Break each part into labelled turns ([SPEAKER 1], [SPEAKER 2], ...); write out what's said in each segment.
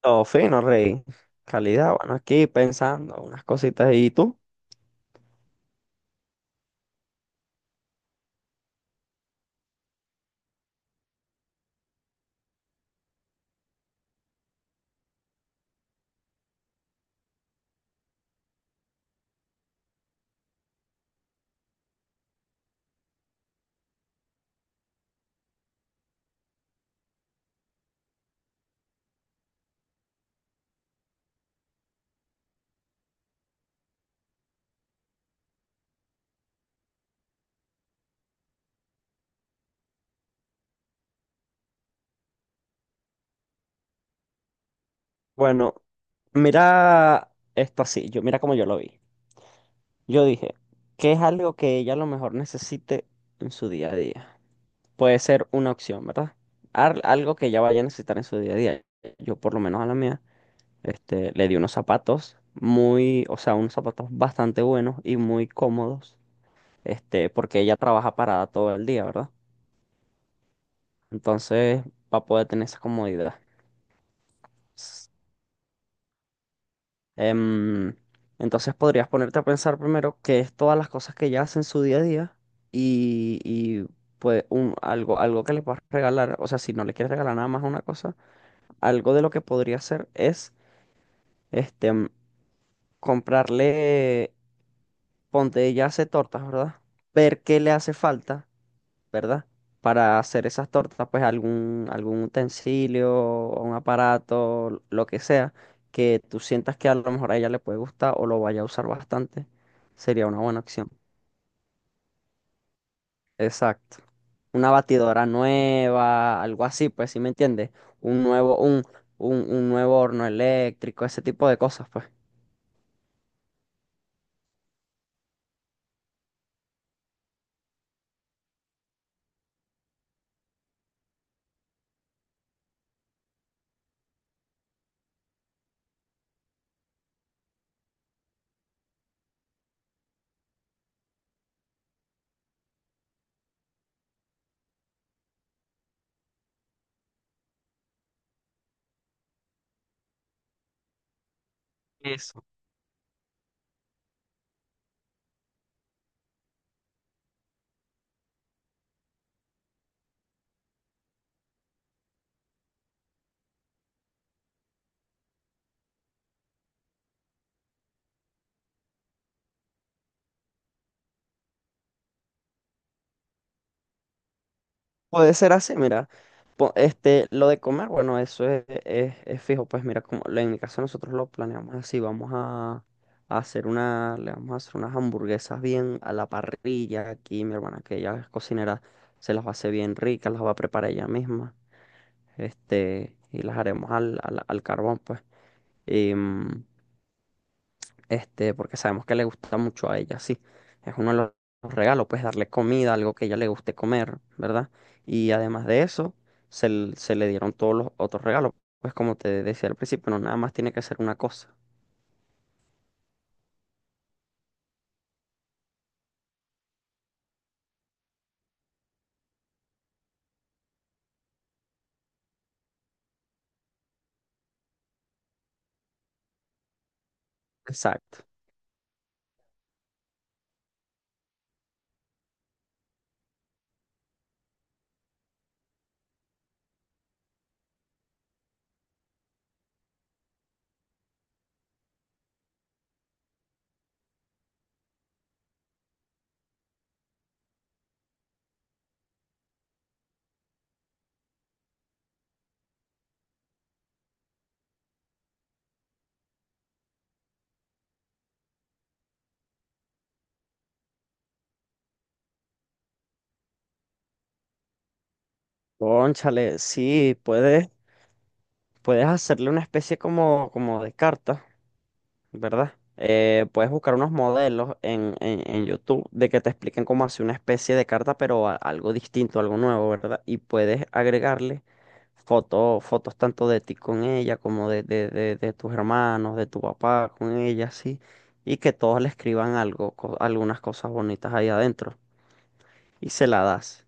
[SPEAKER 1] Todo fino, rey. Calidad, bueno, aquí pensando unas cositas. ¿Y tú? Bueno, mira esto así, yo, mira cómo yo lo vi. Yo dije, ¿qué es algo que ella a lo mejor necesite en su día a día? Puede ser una opción, ¿verdad? Algo que ella vaya a necesitar en su día a día. Yo por lo menos a la mía, le di unos zapatos muy, o sea, unos zapatos bastante buenos y muy cómodos, porque ella trabaja parada todo el día, ¿verdad? Entonces va a poder tener esa comodidad. Em, entonces podrías ponerte a pensar primero qué es todas las cosas que ella hace en su día a día y pues algo, algo que le puedas regalar, o sea, si no le quieres regalar nada más una cosa, algo de lo que podría hacer es este, mm, comprarle, ponte, ella hace tortas, ¿verdad? Ver qué le hace falta, ¿verdad? Para hacer esas tortas, pues algún utensilio, o un aparato, lo que sea, que tú sientas que a lo mejor a ella le puede gustar o lo vaya a usar bastante, sería una buena opción. Exacto. Una batidora nueva, algo así, pues ¿si me entiendes? Un nuevo, un, un nuevo horno eléctrico, ese tipo de cosas, pues. Puede ser así, mira. Lo de comer, bueno, es fijo. Pues mira, como en mi caso nosotros lo planeamos así, a hacer le vamos a hacer unas hamburguesas bien a la parrilla. Aquí mi hermana, que ella es cocinera, se las va a hacer bien ricas, las va a preparar ella misma. Y las haremos al carbón, pues porque sabemos que le gusta mucho a ella, sí. Es uno de los regalos, pues darle comida, algo que a ella le guste comer, ¿verdad? Y además de eso, se le dieron todos los otros regalos. Pues como te decía al principio, no nada más tiene que ser una cosa. Exacto. Cónchale, sí, puedes hacerle una especie como, como de carta, ¿verdad? Puedes buscar unos modelos en YouTube de que te expliquen cómo hacer una especie de carta, pero algo distinto, algo nuevo, ¿verdad? Y puedes agregarle fotos, fotos tanto de ti con ella como de tus hermanos, de tu papá con ella, sí. Y que todos le escriban algo, algunas cosas bonitas ahí adentro. Y se la das.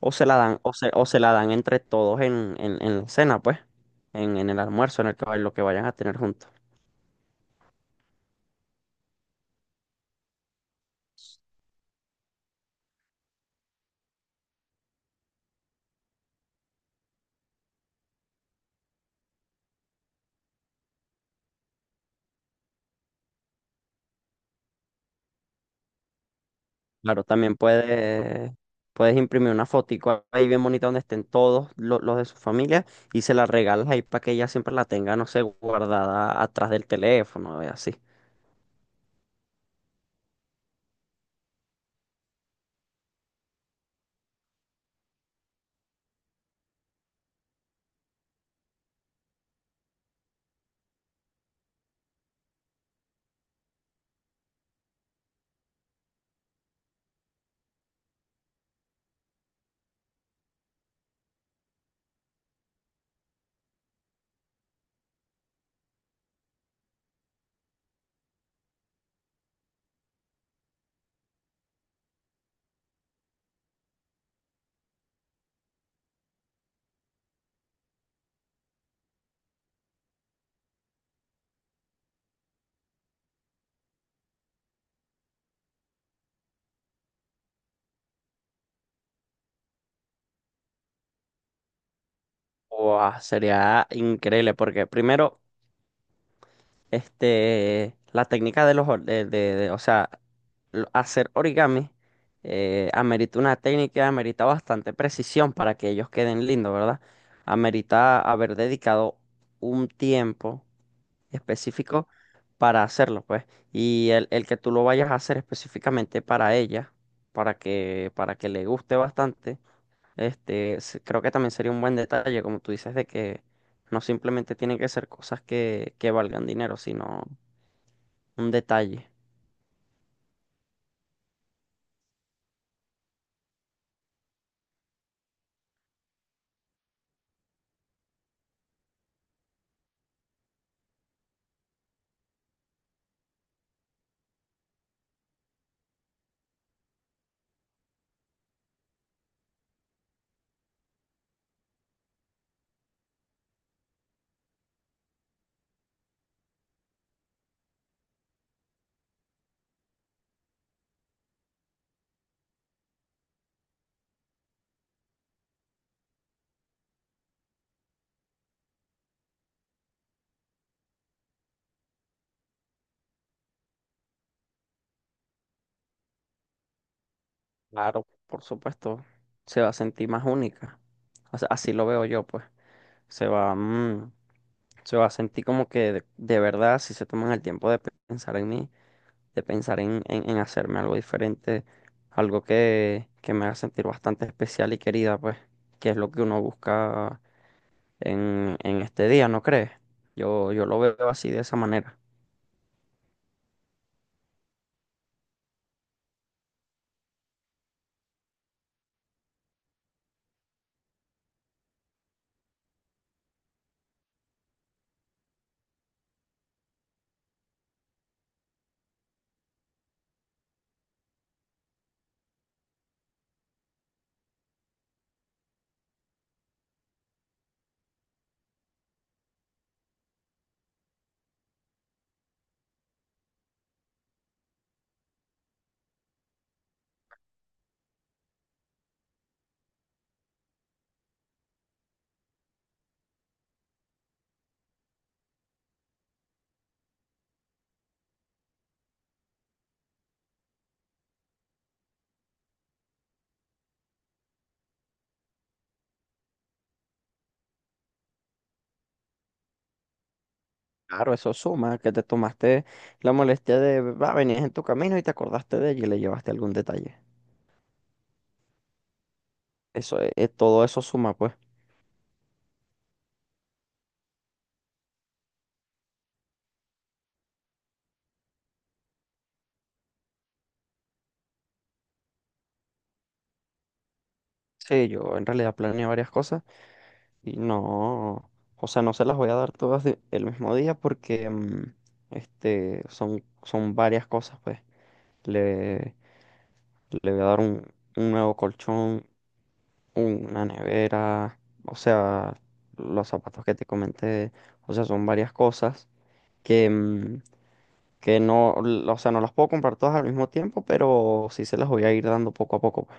[SPEAKER 1] O se la dan, o se la dan entre todos en la cena, pues. En el almuerzo, en el que, lo que vayan a tener juntos. Claro, también puedes imprimir una fotico ahí bien bonita donde estén todos de su familia, y se la regalas ahí para que ella siempre la tenga, no sé, guardada atrás del teléfono y así. Guau, sería increíble porque primero, la técnica de los, o sea, hacer origami, amerita una técnica, amerita bastante precisión para que ellos queden lindos, ¿verdad? Amerita haber dedicado un tiempo específico para hacerlo, pues. Y el que tú lo vayas a hacer específicamente para ella, para que le guste bastante, creo que también sería un buen detalle, como tú dices, de que no simplemente tienen que ser cosas que valgan dinero, sino un detalle. Claro, por supuesto, se va a sentir más única. O sea, así lo veo yo, pues. Se va, mm, se va a sentir como que de verdad, si se toman el tiempo de pensar en mí, de pensar en hacerme algo diferente, algo que me haga sentir bastante especial y querida, pues, que es lo que uno busca en este día, ¿no crees? Yo lo veo así de esa manera. Claro, eso suma, que te tomaste la molestia de, va, venías en tu camino y te acordaste de ella y le llevaste algún detalle. Eso, todo eso suma, pues. Sí, yo en realidad planeé varias cosas. Y no, o sea, no se las voy a dar todas el mismo día porque son, son varias cosas, pues. Le, Le voy a dar un nuevo colchón, una nevera, o sea, los zapatos que te comenté, o sea, son varias cosas que, que no, o sea, no las puedo comprar todas al mismo tiempo, pero sí se las voy a ir dando poco a poco, pues.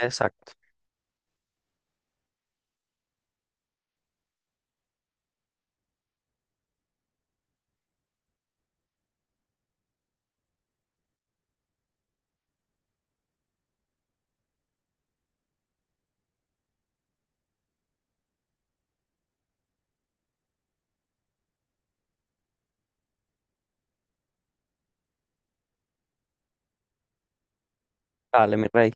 [SPEAKER 1] Exacto. Dale, mi rey.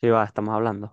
[SPEAKER 1] Sí, va, estamos hablando.